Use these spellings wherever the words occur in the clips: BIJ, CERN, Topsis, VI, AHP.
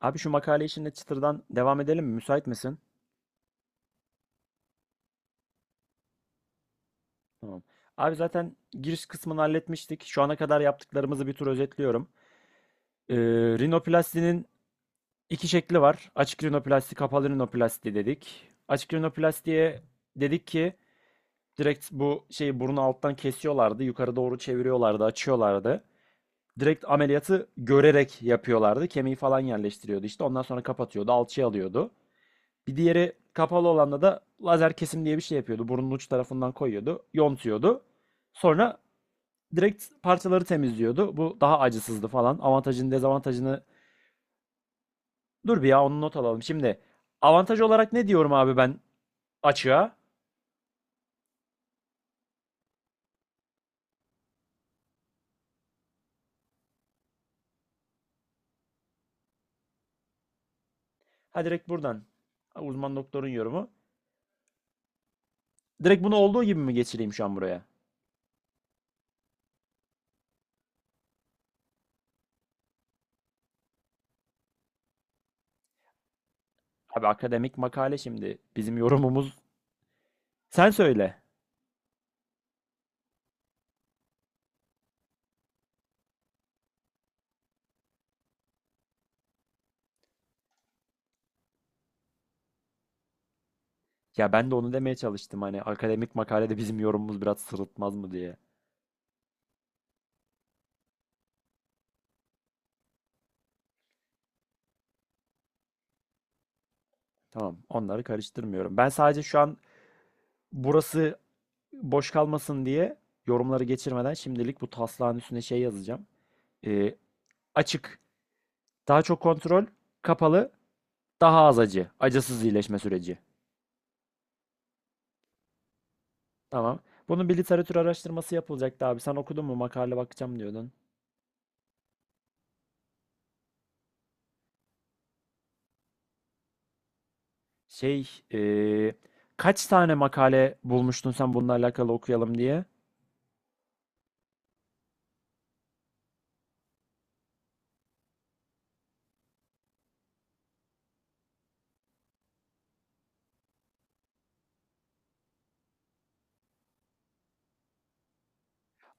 Abi şu makale işinde çıtırdan devam edelim mi? Müsait misin? Tamam. Abi zaten giriş kısmını halletmiştik. Şu ana kadar yaptıklarımızı bir tur özetliyorum. Ee, Rinoplastinin iki şekli var. Açık rinoplasti, kapalı rinoplasti dedik. Açık rinoplastiye dedik ki direkt bu şeyi burnu alttan kesiyorlardı. Yukarı doğru çeviriyorlardı, açıyorlardı. Direkt ameliyatı görerek yapıyorlardı. Kemiği falan yerleştiriyordu işte. Ondan sonra kapatıyordu, alçıya alıyordu. Bir diğeri kapalı olanda da lazer kesim diye bir şey yapıyordu. Burnun uç tarafından koyuyordu, yontuyordu. Sonra direkt parçaları temizliyordu. Bu daha acısızdı falan. Avantajını, dezavantajını dur bir ya onu not alalım. Şimdi avantaj olarak ne diyorum abi ben açığa? Ha, direkt buradan. Ha, uzman doktorun yorumu. Direkt bunu olduğu gibi mi geçireyim şu an buraya? Abi akademik makale şimdi bizim yorumumuz. Sen söyle. Ya ben de onu demeye çalıştım hani akademik makalede bizim yorumumuz biraz sırıtmaz mı diye. Tamam, onları karıştırmıyorum. Ben sadece şu an burası boş kalmasın diye yorumları geçirmeden şimdilik bu taslağın üstüne şey yazacağım. Ee, Açık, daha çok kontrol, kapalı, daha az acı, acısız iyileşme süreci. Tamam. Bunun bir literatür araştırması yapılacaktı abi. Sen okudun mu? Makale bakacağım diyordun. Şey, ee, kaç tane makale bulmuştun sen bununla alakalı okuyalım diye?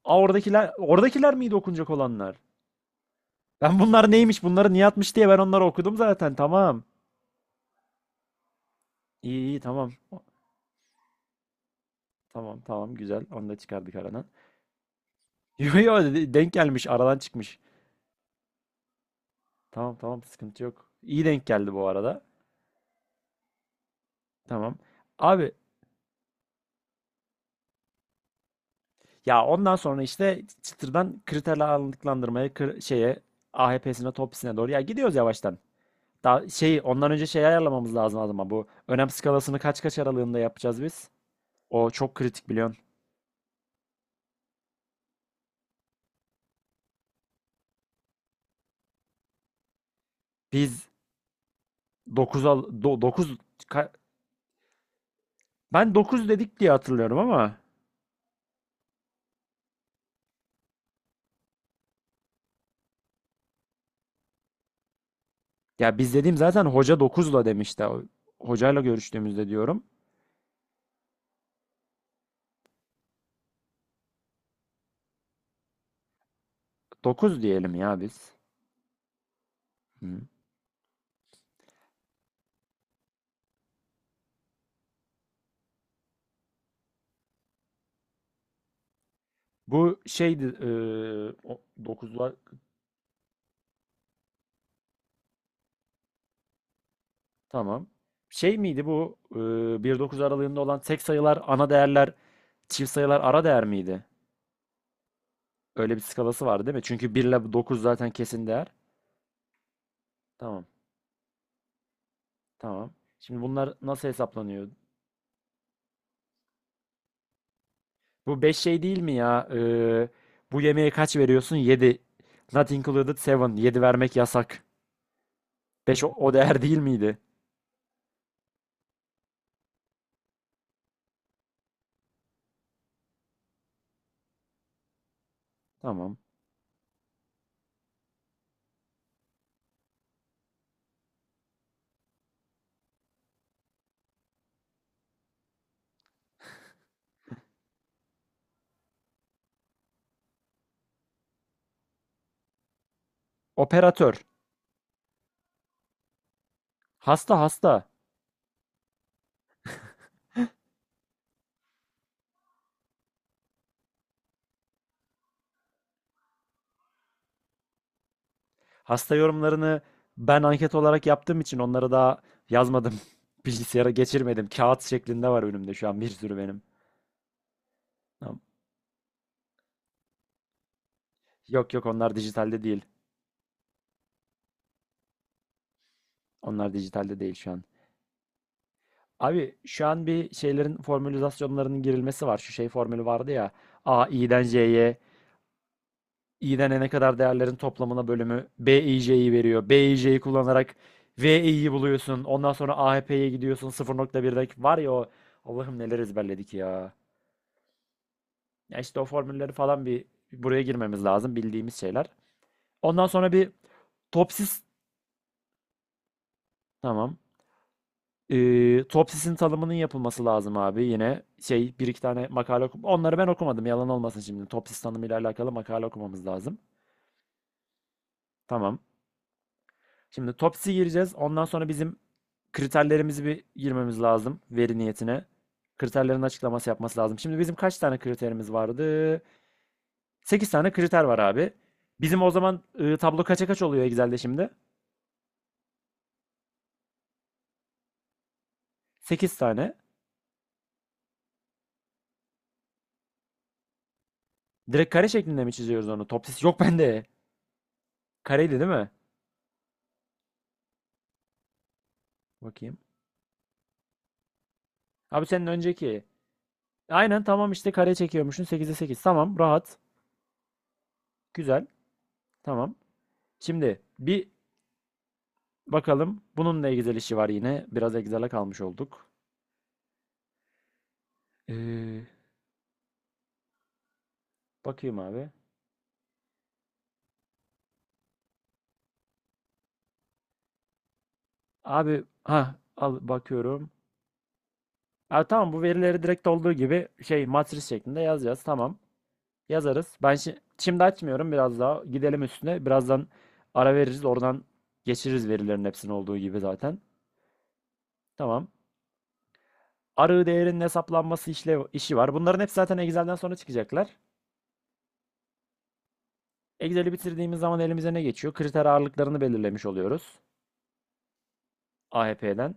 Aa, oradakiler miydi okunacak olanlar? Ben bunlar neymiş, bunları niye atmış diye ben onları okudum zaten. Tamam. İyi, iyi, tamam. Tamam, tamam, güzel. Onu da çıkardık aradan. Yo, yo, dedi, denk gelmiş aradan çıkmış. Tamam, tamam, sıkıntı yok. İyi denk geldi bu arada. Tamam. Abi ya ondan sonra işte çıtırdan kriterler alındıklandırmaya şeye AHP'sine topisine doğru ya gidiyoruz yavaştan. Daha şey ondan önce şey ayarlamamız lazım ama bu önem skalasını kaç kaç aralığında yapacağız biz? O çok kritik biliyorsun. Biz 9 al 9 ben 9 dedik diye hatırlıyorum ama. Ya biz dediğim zaten hoca dokuzla demişti. Hocayla görüştüğümüzde diyorum. Dokuz diyelim ya biz. Hı. Bu şeydi tamam. Şey miydi bu 1-9 aralığında olan tek sayılar ana değerler, çift sayılar ara değer miydi? Öyle bir skalası vardı değil mi? Çünkü 1 ile 9 zaten kesin değer. Tamam, tamam. Şimdi bunlar nasıl hesaplanıyor? Bu 5 şey değil mi ya? E, bu yemeğe kaç veriyorsun? 7. Not included seven. 7 vermek yasak. 5 o, o değer değil miydi? Tamam. Operatör. Hasta, hasta. Hasta yorumlarını ben anket olarak yaptığım için onları daha yazmadım. Bilgisayara geçirmedim. Kağıt şeklinde var önümde şu an bir sürü benim. Tamam. Yok, yok, onlar dijitalde değil. Onlar dijitalde değil şu an. Abi şu an bir şeylerin formülizasyonlarının girilmesi var. Şu şey formülü vardı ya. A, i'den c'ye. İğnelene kadar değerlerin toplamına bölümü b BIJ'yi veriyor. B BIJ'yi kullanarak v VI'yi buluyorsun. Ondan sonra AHP'ye gidiyorsun 0,1'deki. Var ya o Allah'ım neler ezberledik ya. Ya işte o formülleri falan bir buraya girmemiz lazım bildiğimiz şeyler. Ondan sonra bir topsis, tamam. Topsisin tanımının yapılması lazım abi. Yine şey bir iki tane makale okum. Onları ben okumadım yalan olmasın şimdi. Topsis tanımıyla alakalı makale okumamız lazım. Tamam. Şimdi Tops'i gireceğiz. Ondan sonra bizim kriterlerimizi bir girmemiz lazım veri niyetine. Kriterlerin açıklaması yapması lazım. Şimdi bizim kaç tane kriterimiz vardı? 8 tane kriter var abi. Bizim o zaman tablo kaça kaç oluyor Excel'de şimdi? 8 tane. Direkt kare şeklinde mi çiziyoruz onu? Topsis yok bende. Kareydi değil mi? Bakayım. Abi senin önceki. Aynen, tamam, işte kare çekiyormuşsun 8'e sekiz. Tamam, rahat. Güzel. Tamam. Şimdi bir bakalım. Bununla Excel işi var yine. Biraz Excel'e kalmış olduk. Ee, Bakayım abi. Abi ha al bakıyorum. Ha, tamam, bu verileri direkt olduğu gibi şey matris şeklinde yazacağız. Tamam. Yazarız. Ben şimdi açmıyorum biraz daha. Gidelim üstüne. Birazdan ara veririz. Oradan geçiririz verilerin hepsinin olduğu gibi zaten. Tamam. Arı değerinin hesaplanması işle işi var. Bunların hepsi zaten Excel'den sonra çıkacaklar. Excel'i bitirdiğimiz zaman elimize ne geçiyor? Kriter ağırlıklarını belirlemiş oluyoruz. AHP'den.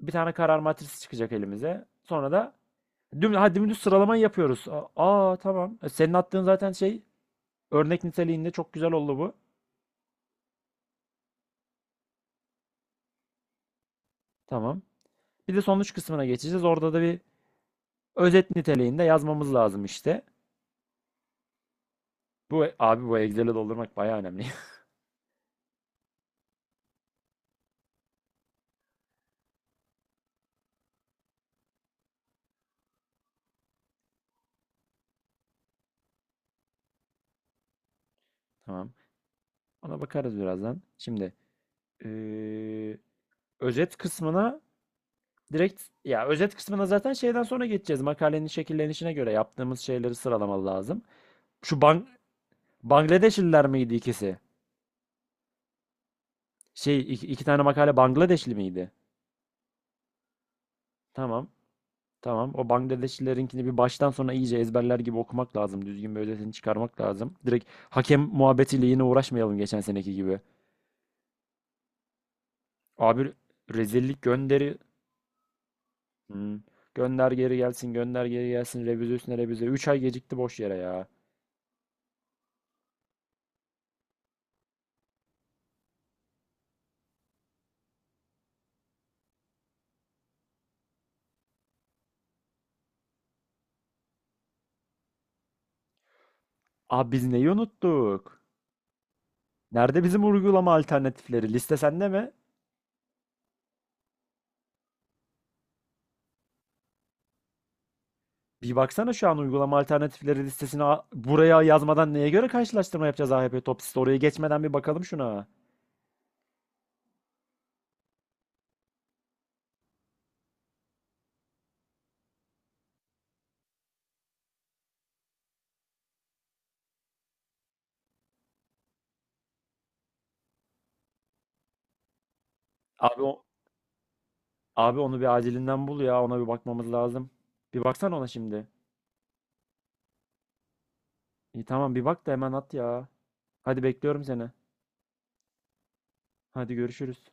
Bir tane karar matrisi çıkacak elimize. Sonra da Ha, dümdüz sıralamayı yapıyoruz. Aa, tamam. E, senin attığın zaten şey örnek niteliğinde çok güzel oldu bu. Tamam. Bir de sonuç kısmına geçeceğiz. Orada da bir özet niteliğinde yazmamız lazım işte. Bu abi bu Excel'i doldurmak bayağı önemli. Tamam. Ona bakarız birazdan. Şimdi eee, özet kısmına direkt ya özet kısmına zaten şeyden sonra geçeceğiz. Makalenin şekillenişine göre yaptığımız şeyleri sıralamalı lazım. Şu Bangladeşliler miydi ikisi? Şey iki tane makale Bangladeşli miydi? Tamam. Tamam. O Bangladeşlilerinkini bir baştan sona iyice ezberler gibi okumak lazım. Düzgün bir özetini çıkarmak lazım. Direkt hakem muhabbetiyle yine uğraşmayalım geçen seneki gibi. Abi rezillik gönderi. Hmm. Gönder geri gelsin, gönder geri gelsin. Revize üstüne revize. 3 ay gecikti boş yere ya. Abi biz neyi unuttuk? Nerede bizim uygulama alternatifleri? Liste sende mi? Bir baksana şu an uygulama alternatifleri listesini buraya yazmadan neye göre karşılaştırma yapacağız AHP Topsis'te? Oraya geçmeden bir bakalım şuna. Abi o- Abi onu bir acilinden bul ya. Ona bir bakmamız lazım. Bir baksana ona şimdi. İyi, tamam, bir bak da hemen at ya. Hadi bekliyorum seni. Hadi görüşürüz.